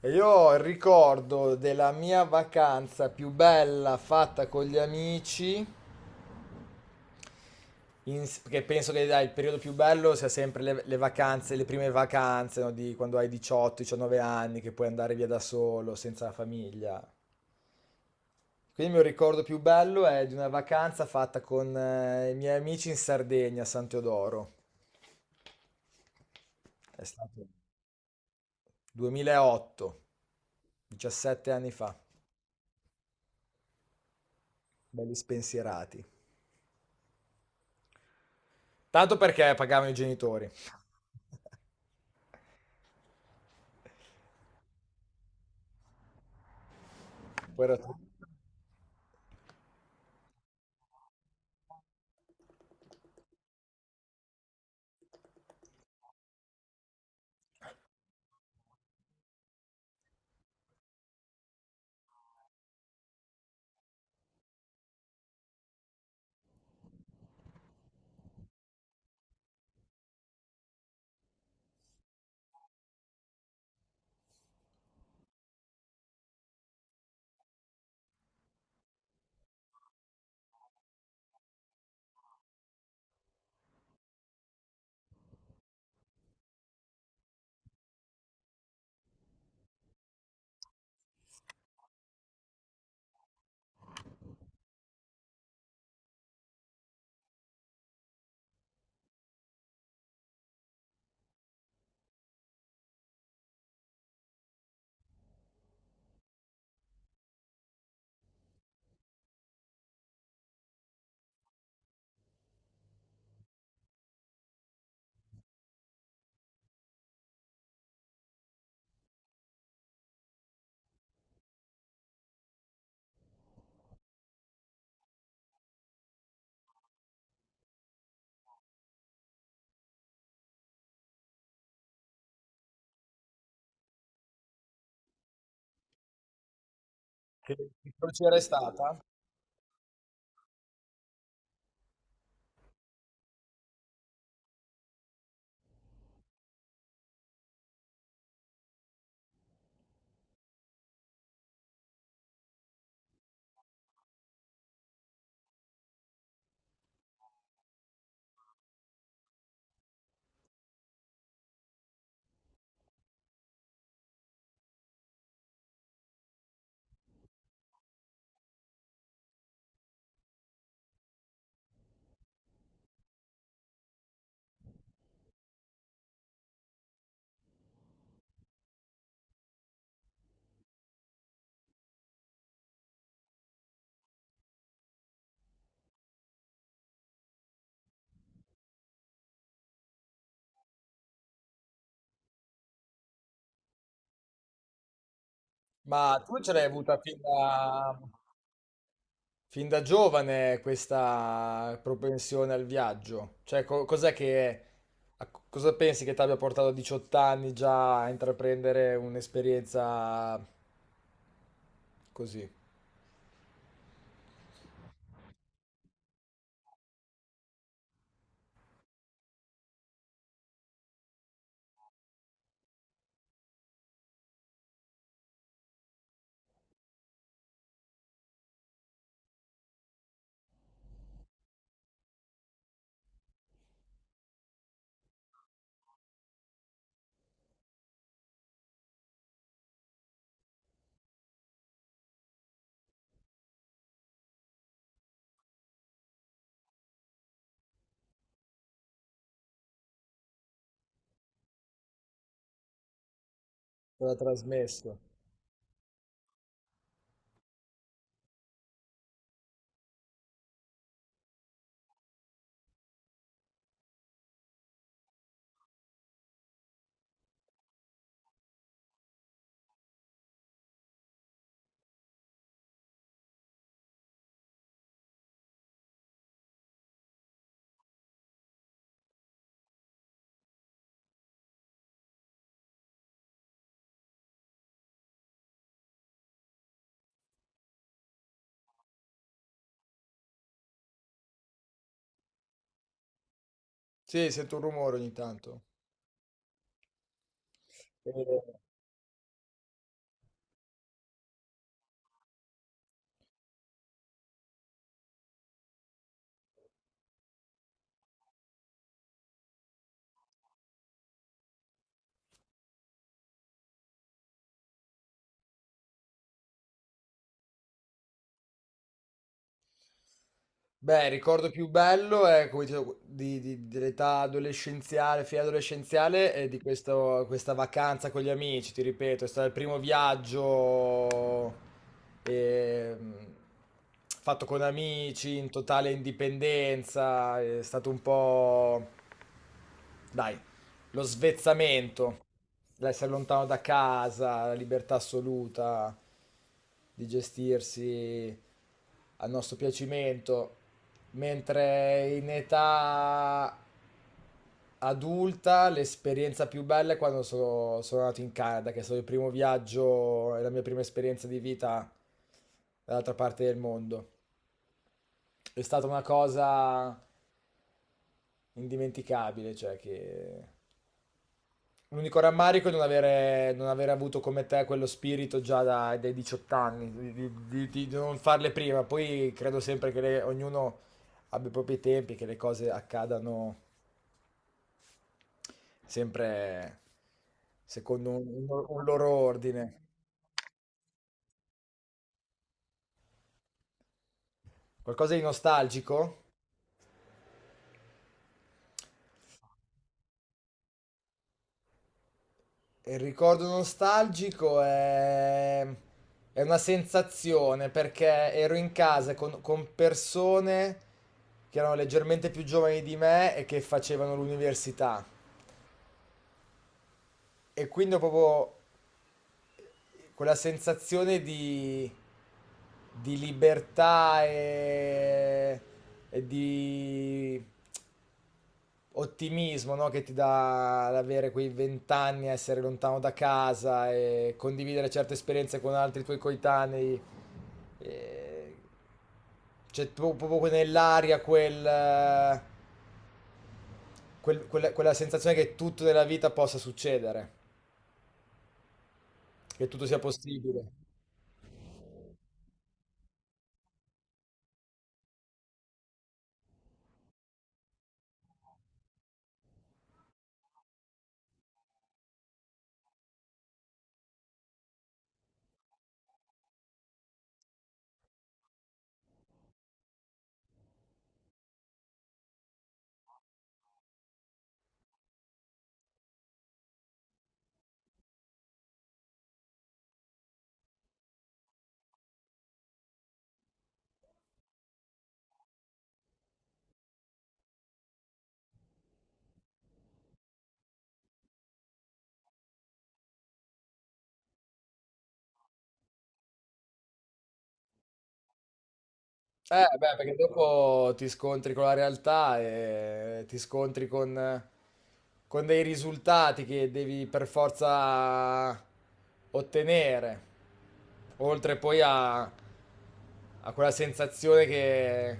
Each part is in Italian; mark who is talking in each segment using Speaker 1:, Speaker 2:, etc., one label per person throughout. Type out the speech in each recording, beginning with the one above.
Speaker 1: E io ricordo della mia vacanza più bella fatta con gli amici, che penso che dai, il periodo più bello sia sempre le vacanze, le prime vacanze, no, di quando hai 18-19 anni, che puoi andare via da solo, senza la famiglia. Quindi il mio ricordo più bello è di una vacanza fatta con i miei amici in Sardegna, a San Teodoro. È stato 2008, 17 anni fa, belli spensierati. Tanto perché pagavano i genitori. Guarda tu. Che che crociera è stata? Ma tu ce l'hai avuta fin da giovane questa propensione al viaggio? Cioè, cos'è che, cosa pensi che ti abbia portato a 18 anni già a intraprendere un'esperienza così? Te l'ha trasmesso? Sì, sento un rumore ogni tanto. Eh, Beh, il ricordo più bello è, come dicevo, dell'età adolescenziale, fine adolescenziale, e di questa vacanza con gli amici, ti ripeto, è stato il primo viaggio, ehm, fatto con amici, in totale indipendenza, è stato un po'. Dai, lo svezzamento, l'essere lontano da casa, la libertà assoluta di gestirsi al nostro piacimento, mentre in età adulta l'esperienza più bella è quando sono andato in Canada, che è stato il primo viaggio e la mia prima esperienza di vita dall'altra parte del mondo. È stata una cosa indimenticabile. Cioè, che l'unico rammarico è non avere avuto come te quello spirito già dai 18 anni, di non farle prima. Poi credo sempre che ognuno abbia i propri tempi, che le cose accadano sempre secondo un loro ordine. Qualcosa di nostalgico? Il ricordo nostalgico è una sensazione, perché ero in casa con persone che erano leggermente più giovani di me e che facevano l'università. E quindi ho proprio quella sensazione di libertà e di ottimismo, no? Che ti dà l'avere quei vent'anni, essere lontano da casa e condividere certe esperienze con altri tuoi coetanei. E c'è proprio nell'aria quel, quella sensazione che tutto nella vita possa succedere. Che tutto sia possibile. Beh, perché dopo ti scontri con la realtà e ti scontri con dei risultati che devi per forza ottenere, oltre poi a, a quella sensazione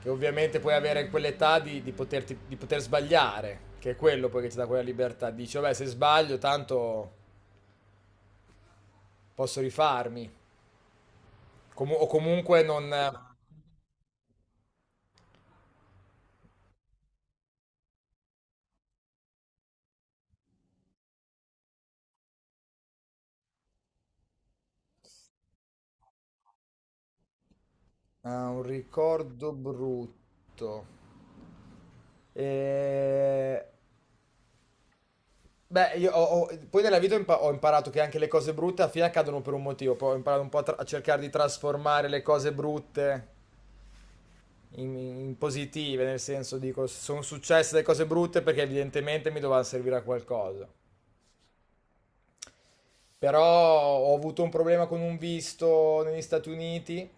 Speaker 1: che ovviamente puoi avere in quell'età di, di poter sbagliare, che è quello poi che ti dà quella libertà. Dici, vabbè, se sbaglio tanto posso rifarmi. O comunque non... Ah, un ricordo brutto. Eh, Beh, io poi nella vita ho imparato che anche le cose brutte alla fine accadono per un motivo. Poi ho imparato un po' a, a cercare di trasformare le cose brutte in, in positive, nel senso, dico, sono successe le cose brutte perché evidentemente mi dovevano servire a qualcosa. Però ho avuto un problema con un visto negli Stati Uniti.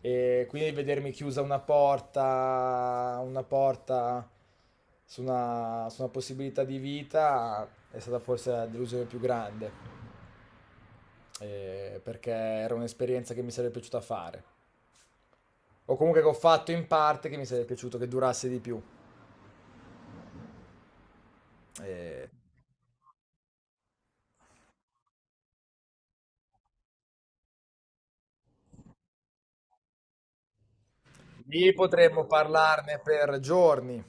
Speaker 1: E quindi vedermi chiusa una porta su una possibilità di vita è stata forse la delusione più grande, perché era un'esperienza che mi sarebbe piaciuta fare, o comunque che ho fatto in parte, che mi sarebbe piaciuto che durasse di più. Eh, lì potremmo parlarne per giorni,